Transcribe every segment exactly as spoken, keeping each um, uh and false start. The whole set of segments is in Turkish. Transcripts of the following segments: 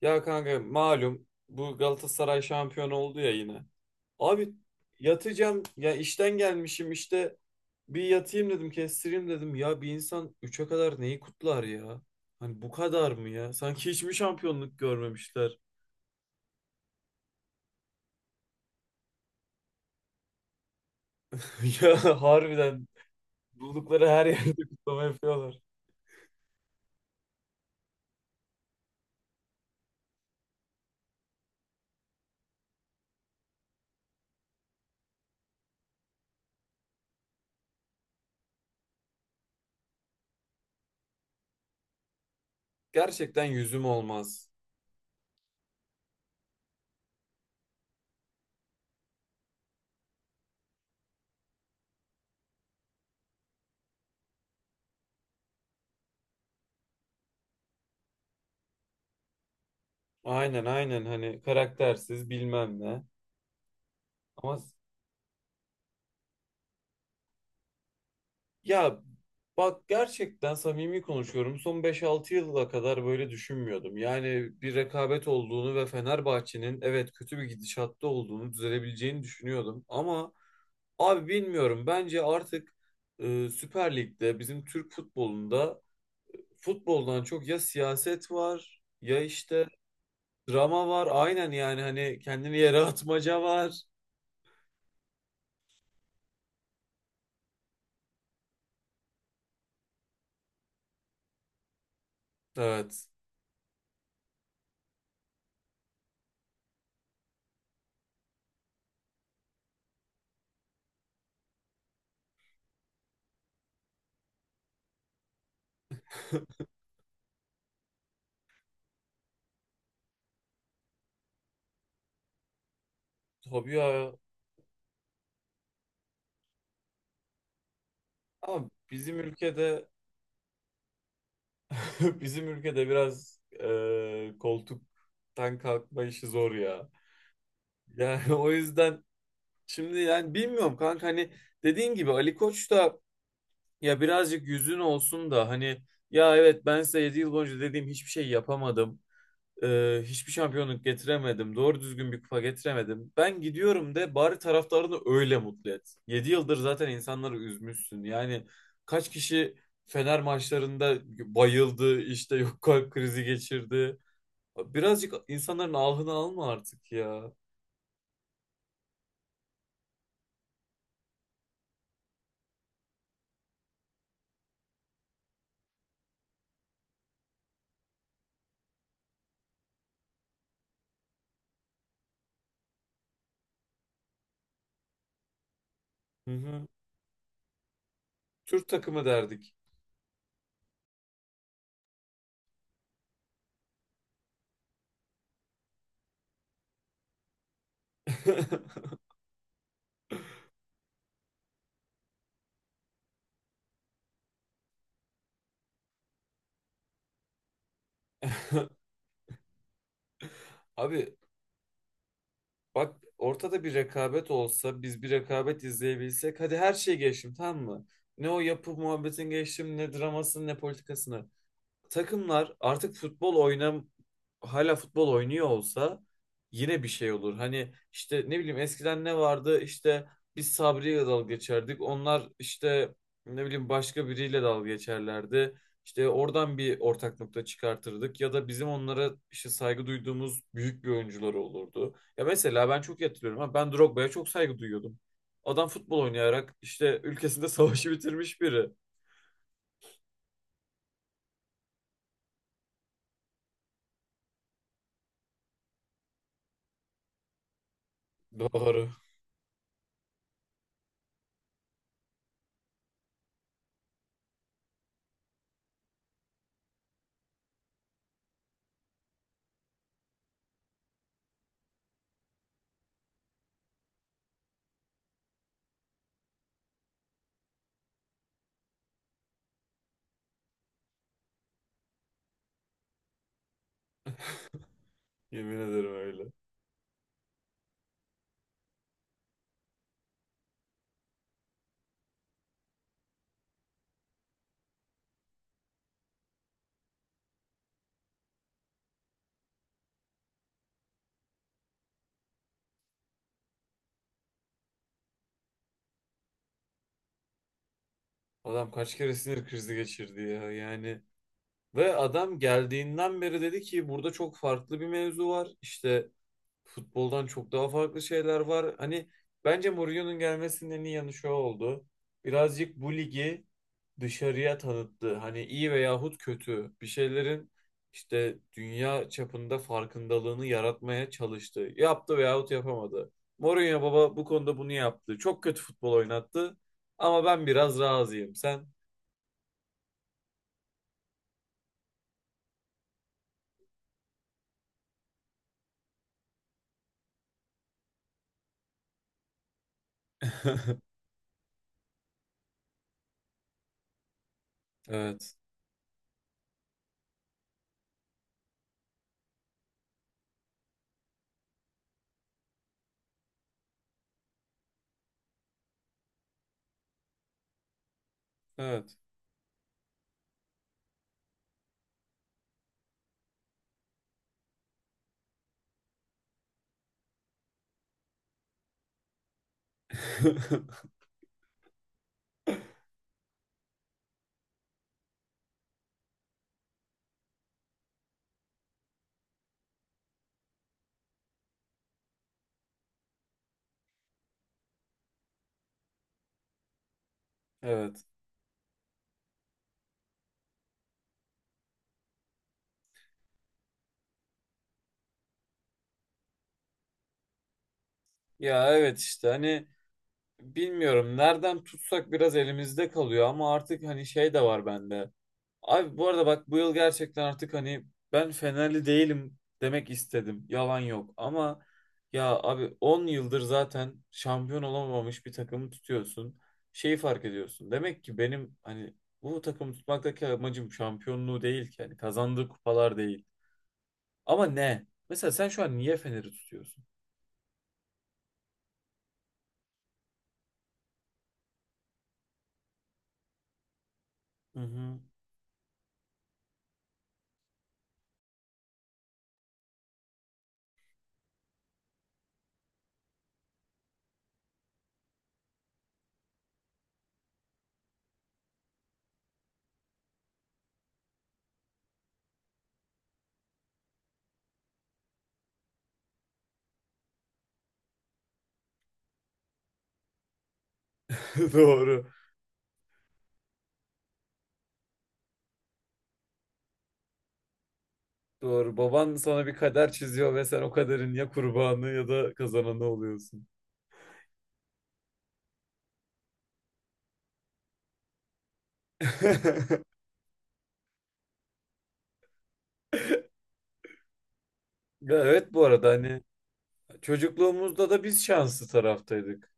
Ya kanka malum bu Galatasaray şampiyon oldu ya yine. Abi yatacağım ya işten gelmişim işte bir yatayım dedim, kestireyim dedim. Ya bir insan üçe kadar neyi kutlar ya? Hani bu kadar mı ya? Sanki hiç mi şampiyonluk görmemişler? Ya harbiden buldukları her yerde kutlama yapıyorlar. Gerçekten yüzüm olmaz. Aynen aynen, hani karaktersiz bilmem ne. Ama ya, bak, gerçekten samimi konuşuyorum. Son beş altı yıla kadar böyle düşünmüyordum. Yani bir rekabet olduğunu ve Fenerbahçe'nin evet kötü bir gidişatta olduğunu, düzelebileceğini düşünüyordum. Ama abi bilmiyorum. Bence artık e, Süper Lig'de bizim Türk futbolunda futboldan çok ya siyaset var, ya işte drama var. Aynen, yani hani kendini yere atmaca var. Evet. Tabii ya. Ama bizim ülkede, bizim ülkede biraz e, koltuktan kalkma işi zor ya. Yani o yüzden şimdi, yani bilmiyorum kanka, hani dediğin gibi Ali Koç da ya birazcık yüzün olsun da hani, ya evet ben size yedi yıl boyunca dediğim hiçbir şey yapamadım. Ee, hiçbir şampiyonluk getiremedim. Doğru düzgün bir kupa getiremedim. Ben gidiyorum de, bari taraftarını öyle mutlu et. Yedi yıldır zaten insanları üzmüşsün. Yani kaç kişi Fener maçlarında bayıldı, işte yok kalp krizi geçirdi. Birazcık insanların ahını alma artık ya. Hı hı. Türk takımı derdik. Abi, bak, ortada bir rekabet olsa, biz bir rekabet izleyebilsek, hadi her şeyi geçtim, tamam mı? Ne o yapı muhabbetin, geçtim ne dramasını ne politikasını, takımlar artık futbol oynam, hala futbol oynuyor olsa yine bir şey olur. Hani işte ne bileyim eskiden ne vardı? İşte biz Sabri'yle dalga geçerdik. Onlar işte ne bileyim başka biriyle dalga geçerlerdi. İşte oradan bir ortak nokta çıkartırdık ya da bizim onlara işte saygı duyduğumuz büyük bir oyuncuları olurdu. Ya mesela ben çok iyi hatırlıyorum ama, ben Drogba'ya çok saygı duyuyordum. Adam futbol oynayarak işte ülkesinde savaşı bitirmiş biri. Doğru. Yemin ederim öyle. Adam kaç kere sinir krizi geçirdi ya yani. Ve adam geldiğinden beri dedi ki burada çok farklı bir mevzu var. İşte futboldan çok daha farklı şeyler var. Hani bence Mourinho'nun gelmesinin en iyi yanı şu oldu. Birazcık bu ligi dışarıya tanıttı. Hani iyi veyahut kötü bir şeylerin işte dünya çapında farkındalığını yaratmaya çalıştı. Yaptı veyahut yapamadı. Mourinho baba bu konuda bunu yaptı. Çok kötü futbol oynattı. Ama ben biraz razıyım. Sen? Evet. Evet. Evet. Ya evet, işte hani bilmiyorum nereden tutsak biraz elimizde kalıyor, ama artık hani şey de var bende. Abi bu arada bak, bu yıl gerçekten artık hani ben Fenerli değilim demek istedim. Yalan yok ama ya abi, on yıldır zaten şampiyon olamamış bir takımı tutuyorsun. Şeyi fark ediyorsun. Demek ki benim hani bu takımı tutmaktaki amacım şampiyonluğu değil ki. Yani kazandığı kupalar değil. Ama ne? Mesela sen şu an niye Fener'i tutuyorsun? Hı hı. Doğru. Doğru. Baban sana bir kader çiziyor ve sen o kaderin ya kurbanı ya da kazananı oluyorsun. Ya evet, bu arada hani çocukluğumuzda da biz şanslı taraftaydık.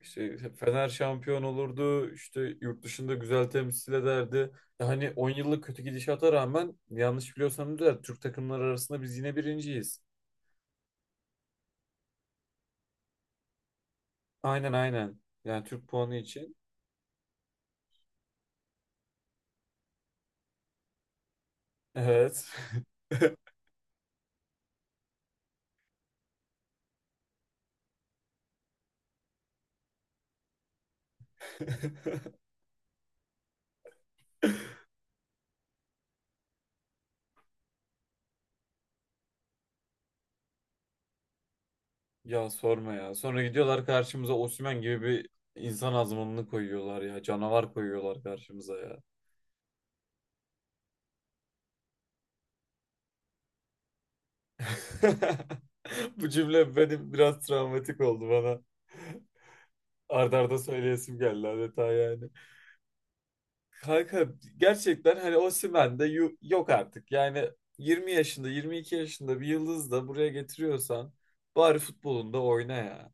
İşte Fener şampiyon olurdu, işte yurt dışında güzel temsil ederdi. Hani on yıllık kötü gidişata rağmen, yanlış biliyorsam da, Türk takımları arasında biz yine birinciyiz. Aynen aynen. Yani Türk puanı için. Evet. Ya sorma ya. Sonra gidiyorlar karşımıza Osimhen gibi bir insan azmanını koyuyorlar ya. Canavar koyuyorlar karşımıza ya. Bu cümle benim biraz travmatik oldu bana. Ard arda söyleyesim geldi adeta yani. Kanka gerçekten hani Osimhen de yu- yok artık. Yani yirmi yaşında, yirmi iki yaşında bir yıldız da buraya getiriyorsan bari futbolunda oyna ya.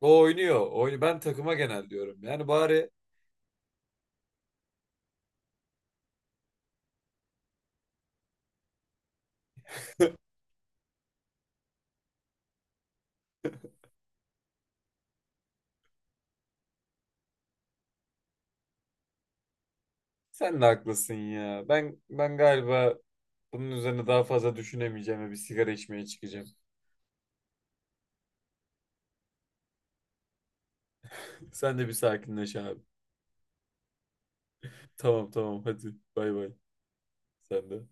O oynuyor. Oyun, ben takıma genel diyorum. Yani bari sen de haklısın ya. Ben ben galiba bunun üzerine daha fazla düşünemeyeceğim ve bir sigara içmeye çıkacağım. Sen de bir sakinleş abi. Tamam tamam, hadi bay bay. Sen de.